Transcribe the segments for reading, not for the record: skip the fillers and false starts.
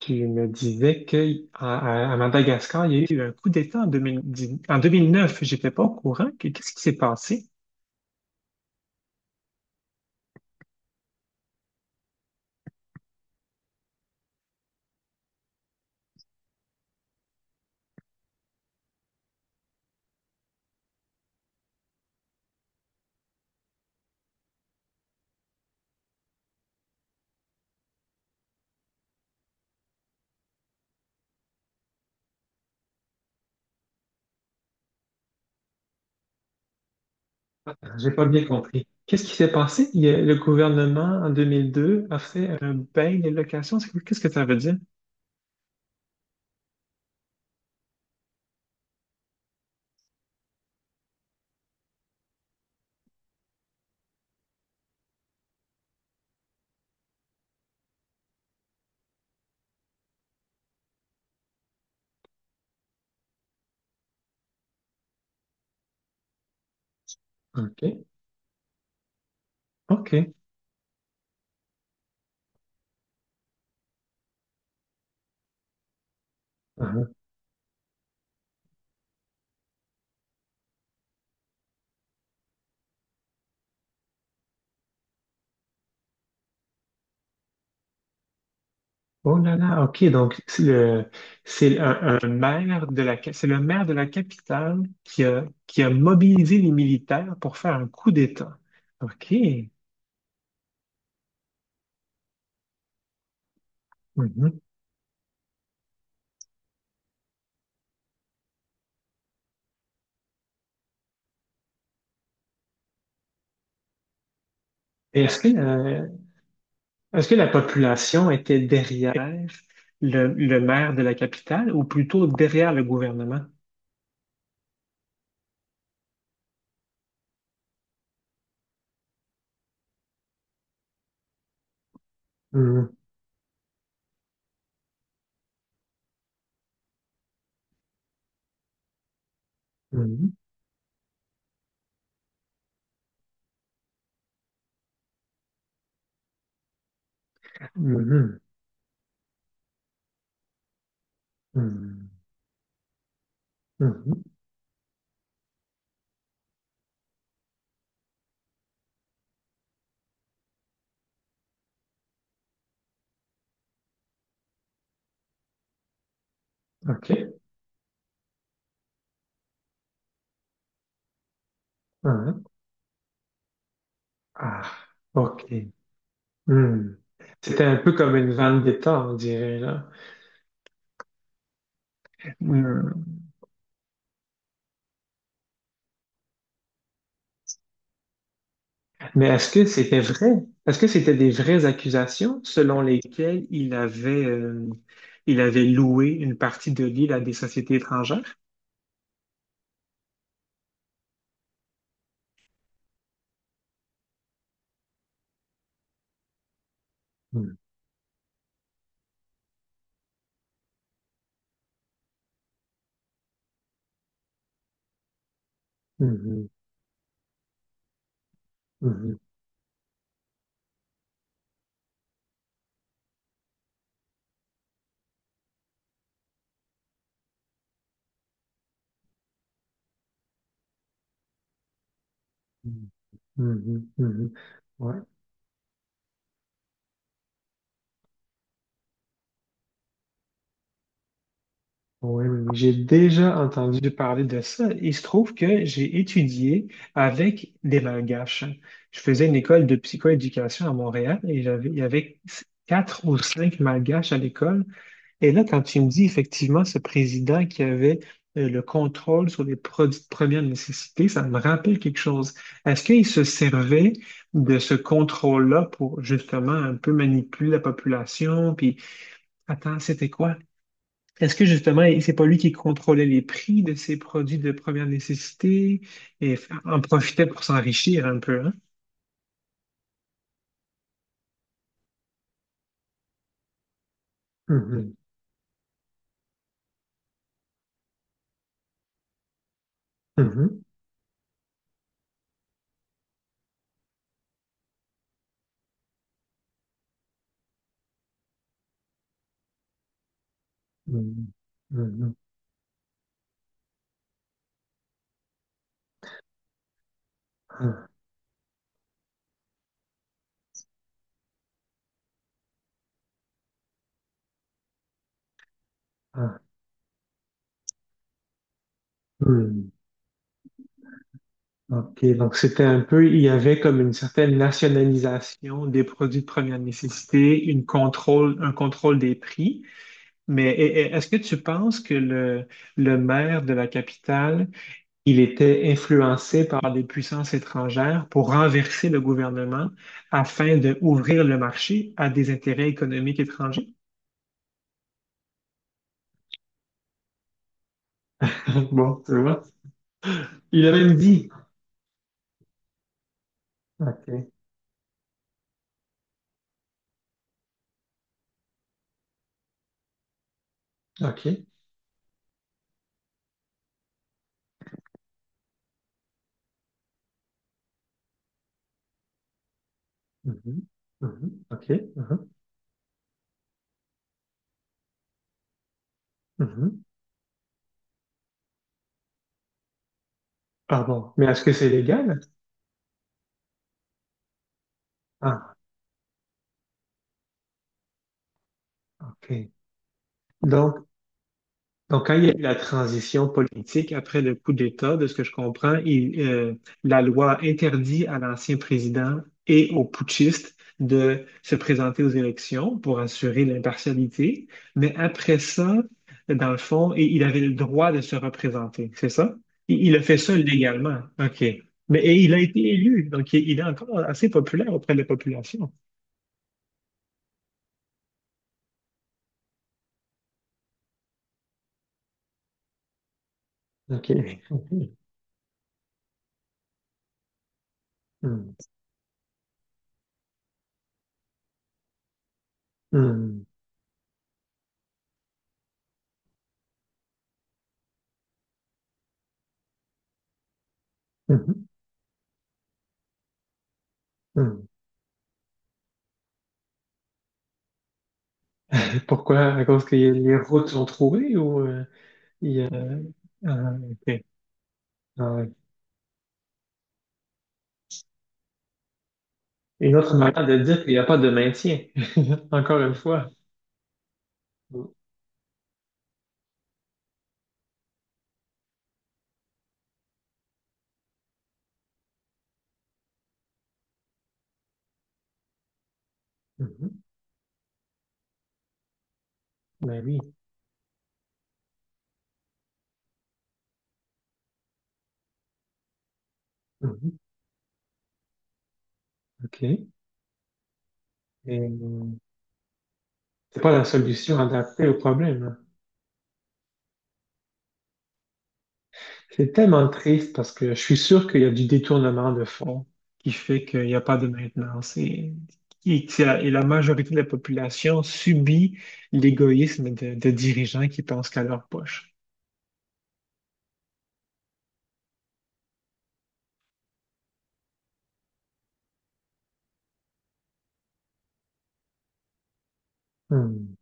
Qui me disait que à Madagascar, il y a eu un coup d'État en 2010, en 2009. J'étais pas au courant. Qu'est-ce qui s'est passé? J'ai pas bien compris. Qu'est-ce qui s'est passé? Le gouvernement, en 2002, a fait un bail des locations. Qu'est-ce que ça veut dire? OK. OK. Uh-huh. Oh là là, OK. Donc, c'est le, c'est un maire de la, ca- C'est le maire de la capitale qui a mobilisé les militaires pour faire un coup d'État. OK. Mhm. Et est-ce que la population était derrière le maire de la capitale ou plutôt derrière le gouvernement? Mhm. Mhm. Mhm. Mhm. Mhm. OK. uh Ah, OK. Hmm. C'était un peu comme une vendetta, on dirait, là. Hmm. Mais est-ce que c'était vrai? Est-ce que c'était des vraies accusations selon lesquelles il avait loué une partie de l'île à des sociétés étrangères? Hmm. Mhm. Mhm. Mhm. Mhm. Mhm. Ouais. Oui, oui, oui. J'ai déjà entendu parler de ça. Il se trouve que j'ai étudié avec des Malgaches. Je faisais une école de psychoéducation à Montréal, et il y avait quatre ou cinq Malgaches à l'école. Et là, quand tu me dis effectivement ce président qui avait le contrôle sur les produits de première nécessité, ça me rappelle quelque chose. Est-ce qu'il se servait de ce contrôle-là pour justement un peu manipuler la population? Puis, attends, c'était quoi? Est-ce que justement, et c'est pas lui qui contrôlait les prix de ses produits de première nécessité en profitait pour s'enrichir un peu, hein? Mhm, mhm, mhm, mhm, ah, ah, hmm. OK, donc c'était un peu, il y avait comme une certaine nationalisation des produits de première nécessité, un contrôle des prix. Mais est-ce que tu penses que le maire de la capitale il était influencé par des puissances étrangères pour renverser le gouvernement afin d'ouvrir le marché à des intérêts économiques étrangers? Bon, tu vois. Il a même dit. OK, OK. Mhm, mhm, OK. Mhm, mhm. Ah bon, mais est-ce que c'est légal? Ah, OK. Donc, Donc, quand il y a eu la transition politique après le coup d'État, de ce que je comprends, la loi interdit à l'ancien président et aux putschistes de se présenter aux élections pour assurer l'impartialité. Mais après ça, dans le fond, il avait le droit de se représenter, c'est ça? Il a fait ça légalement. OK. Mais et il a été élu, il est encore assez populaire auprès de la population. OK. Hmm. Hmm. Hmm. Hmm. Pourquoi? À cause que les routes sont trouées, ou il y a ah, OK. Ah, ouais. Une autre manière de dire qu'il n'y a pas de maintien, encore une fois. Mhm. Ben oui. Mhm. OK. Euh, c'est pas la solution adaptée au problème, hein. C'est tellement triste parce que je suis sûr qu'il y a du détournement de fonds qui fait qu'il n'y a pas de maintenance. Et que la majorité de la population subit l'égoïsme de dirigeants qui pensent qu'à leur poche. Hmm.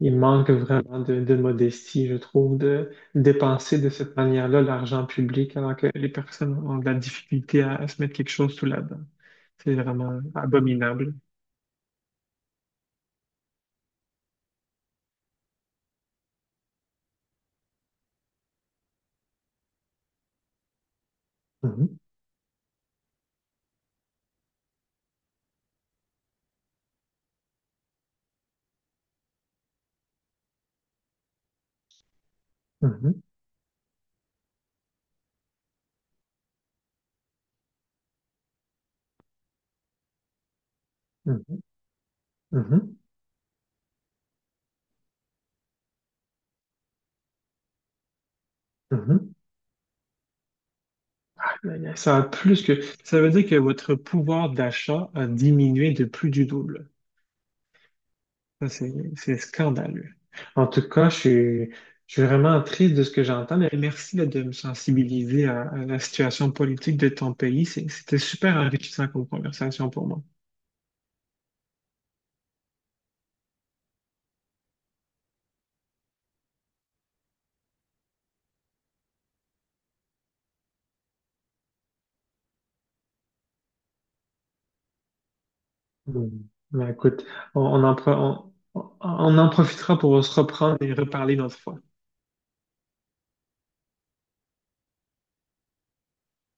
Il manque vraiment de modestie, je trouve, de dépenser de cette manière-là l'argent public alors que les personnes ont de la difficulté à se mettre quelque chose sous la dent. C'est vraiment abominable. Mhm, mhm, mhm, mhm, mhm. Aïe, aïe, ça a plus que, ça veut dire que votre pouvoir d'achat a diminué de plus du double. Ça, c'est scandaleux. En tout cas, je suis vraiment triste de ce que j'entends. Mais merci là, de me sensibiliser à la situation politique de ton pays. C'était super enrichissant comme conversation pour moi. Hmm. Ben, écoute, on en profitera pour se reprendre et reparler une autre fois.